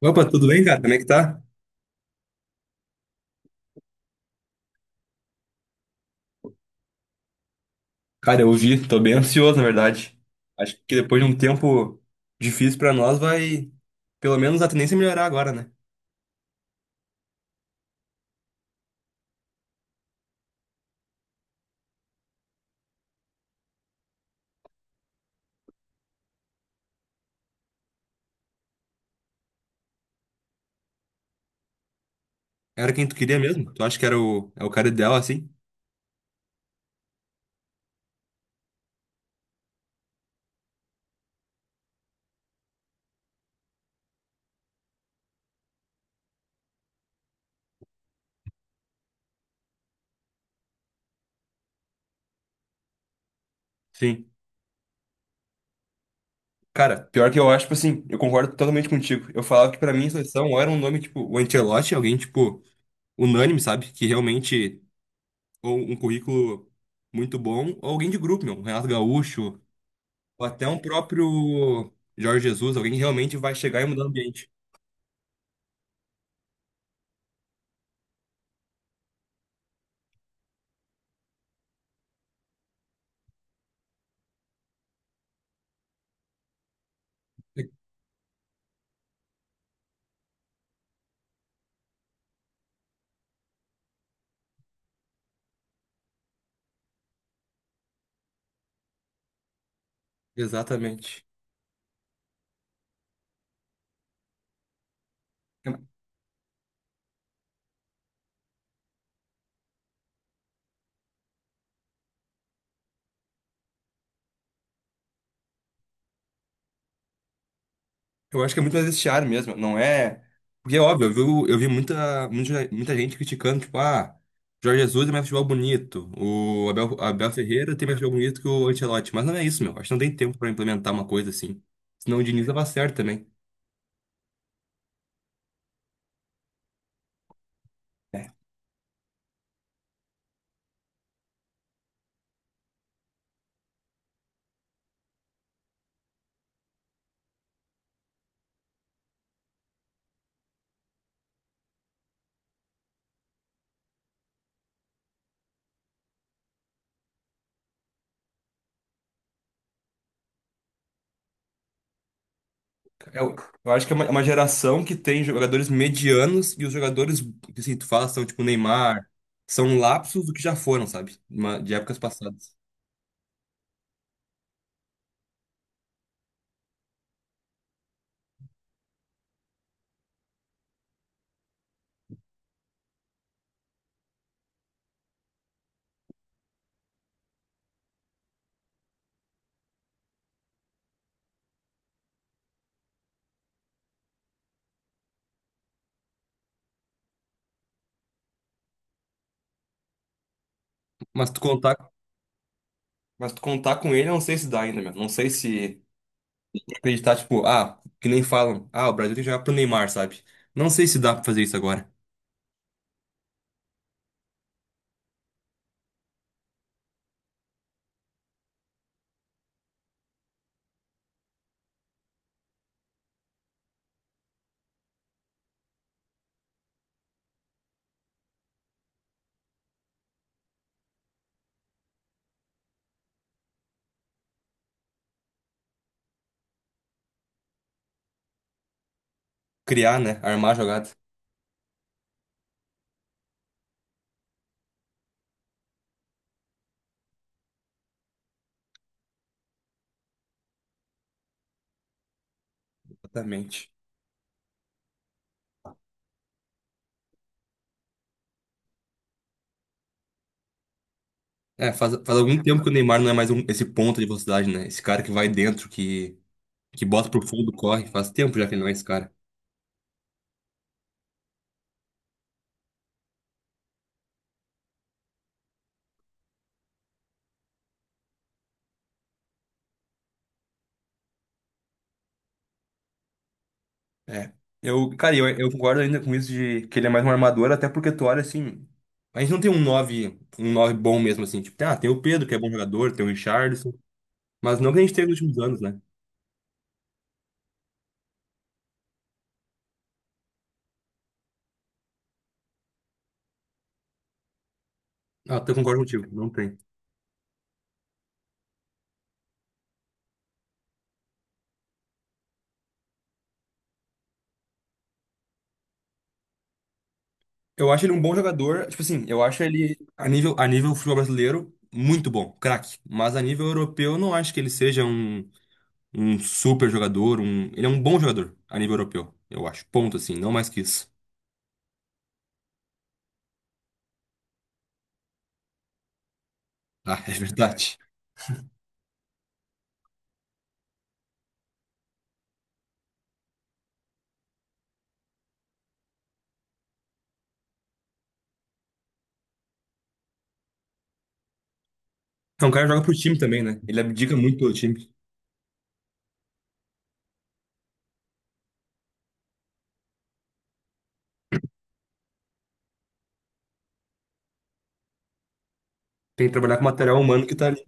Opa, tudo bem, cara? Como é que tá? Cara, eu vi, tô bem ansioso, na verdade. Acho que depois de um tempo difícil pra nós, vai pelo menos a tendência é melhorar agora, né? Era quem tu queria mesmo? Tu acha que é o cara ideal assim? Sim. Cara, pior que eu acho, tipo assim, eu concordo totalmente contigo. Eu falava que pra mim a seleção ou era um nome tipo o Ancelotti, alguém tipo unânime, sabe? Que realmente ou um currículo muito bom, ou alguém de grupo, meu, um Renato Gaúcho, ou até um próprio Jorge Jesus, alguém que realmente vai chegar e mudar o ambiente. Exatamente. Eu acho que é muito mais esse ar mesmo, não é? Porque é óbvio, eu vi muita, muita, muita gente criticando, tipo, ah, Jorge Jesus é mais futebol bonito, o Abel Ferreira tem mais futebol bonito que o Ancelotti. Mas não é isso, meu. Acho que não tem tempo pra implementar uma coisa assim. Senão o Diniz dava certo também. É, eu, eu acho que é é uma geração que tem jogadores medianos e os jogadores que assim, tu fala são tipo Neymar, são lapsos do que já foram, sabe? De épocas passadas. Mas tu contar Mas tu contar com ele, eu não sei se dá ainda, meu. Não sei se acreditar, tipo, ah, que nem falam, ah, o Brasil tem que jogar pro Neymar, sabe? Não sei se dá pra fazer isso agora. Criar, né? Armar a jogada. Exatamente. É, faz algum tempo que o Neymar não é mais esse ponta de velocidade, né? Esse cara que vai dentro, que bota pro fundo, corre. Faz tempo já que ele não é esse cara. É. Eu, cara, eu concordo ainda com isso de que ele é mais um armador, até porque tu olha assim. A gente não tem um 9 bom mesmo, assim. Tipo, ah, tem o Pedro, que é bom jogador, tem o Richarlison. Mas não que a gente teve nos últimos anos, né? Ah, eu concordo contigo, não tem. Eu acho ele um bom jogador, tipo assim, eu acho ele a nível futebol brasileiro muito bom, craque. Mas a nível europeu, eu não acho que ele seja um super jogador, ele é um bom jogador a nível europeu, eu acho. Ponto assim, não mais que isso. Ah, é verdade. É um cara que joga pro time também, né? Ele abdica muito pelo time. Tem que trabalhar com o material humano que tá ali.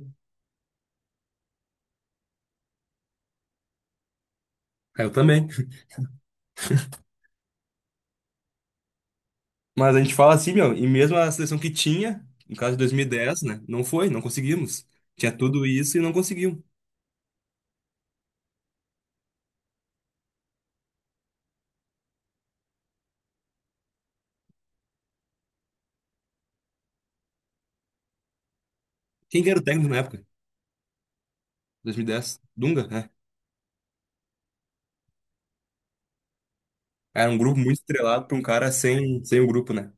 Ah, eu também. Mas a gente fala assim, meu, e mesmo a seleção que tinha, no caso de 2010, né? Não foi, não conseguimos. Tinha tudo isso e não conseguiu. Quem que era o técnico na época? 2010. Dunga, né? Era um grupo muito estrelado pra um cara sem o grupo, né?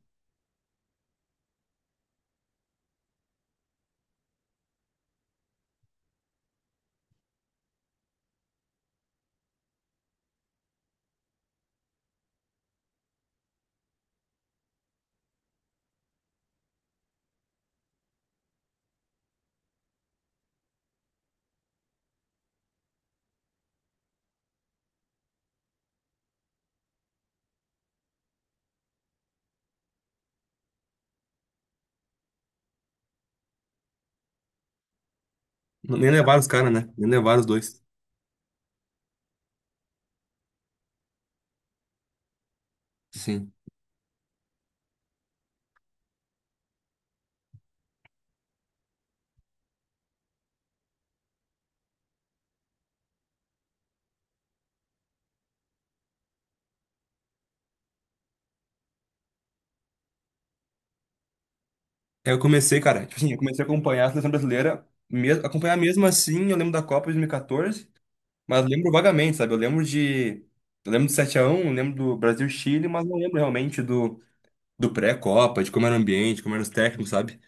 Nem levaram os caras, né? Nem levaram os dois. Sim. Aí eu comecei, cara, tipo assim, eu comecei a acompanhar a seleção brasileira, mesmo, acompanhar mesmo assim, eu lembro da Copa de 2014, mas lembro vagamente, sabe? Eu lembro de. Eu lembro do 7x1, eu lembro do Brasil-Chile, mas não lembro realmente do pré-Copa, de como era o ambiente, como eram os técnicos, sabe?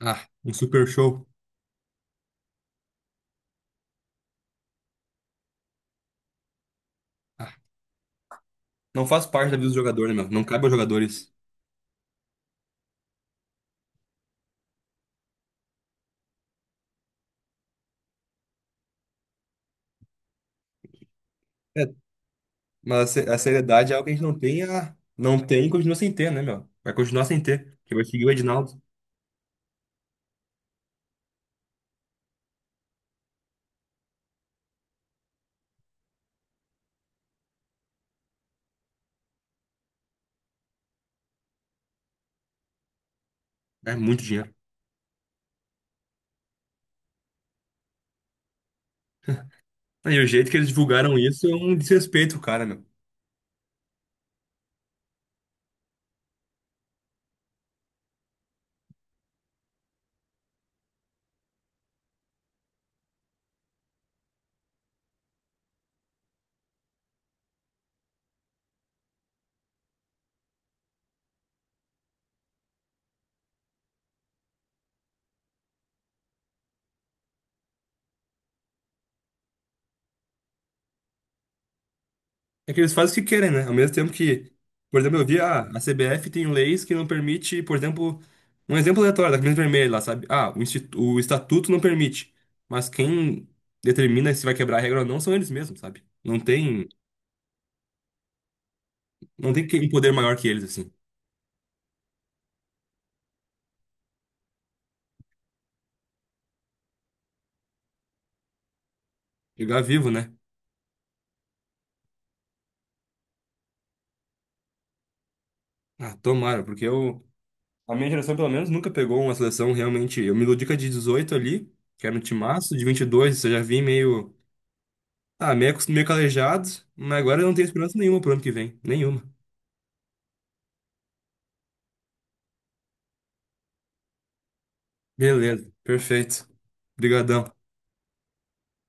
Ah, um super show. Ah, não faz parte da vida do jogador, né, meu? Não cabe aos jogadores. Mas a se- a seriedade é algo que a gente não tem, não tem e continua sem ter, né, meu? Vai continuar sem ter. Porque vai seguir o Edinaldo. É muito dinheiro. E o jeito que eles divulgaram isso é um desrespeito, cara, meu. É que eles fazem o que querem, né? Ao mesmo tempo que, por exemplo, eu vi, ah, a CBF tem leis que não permite, por exemplo, um exemplo aleatório da camisa vermelha lá, sabe? Ah, o estatuto não permite. Mas quem determina se vai quebrar a regra ou não são eles mesmos, sabe? Não tem um poder maior que eles, assim. Jogar vivo, né? Ah, tomara. Porque eu A minha geração, pelo menos, nunca pegou uma seleção realmente. Eu me iludi com a de 18 ali, que era um timaço, de 22, eu já vim meio. Ah, meio calejado, mas agora eu não tenho esperança nenhuma pro ano que vem. Nenhuma. Beleza, perfeito. Obrigadão.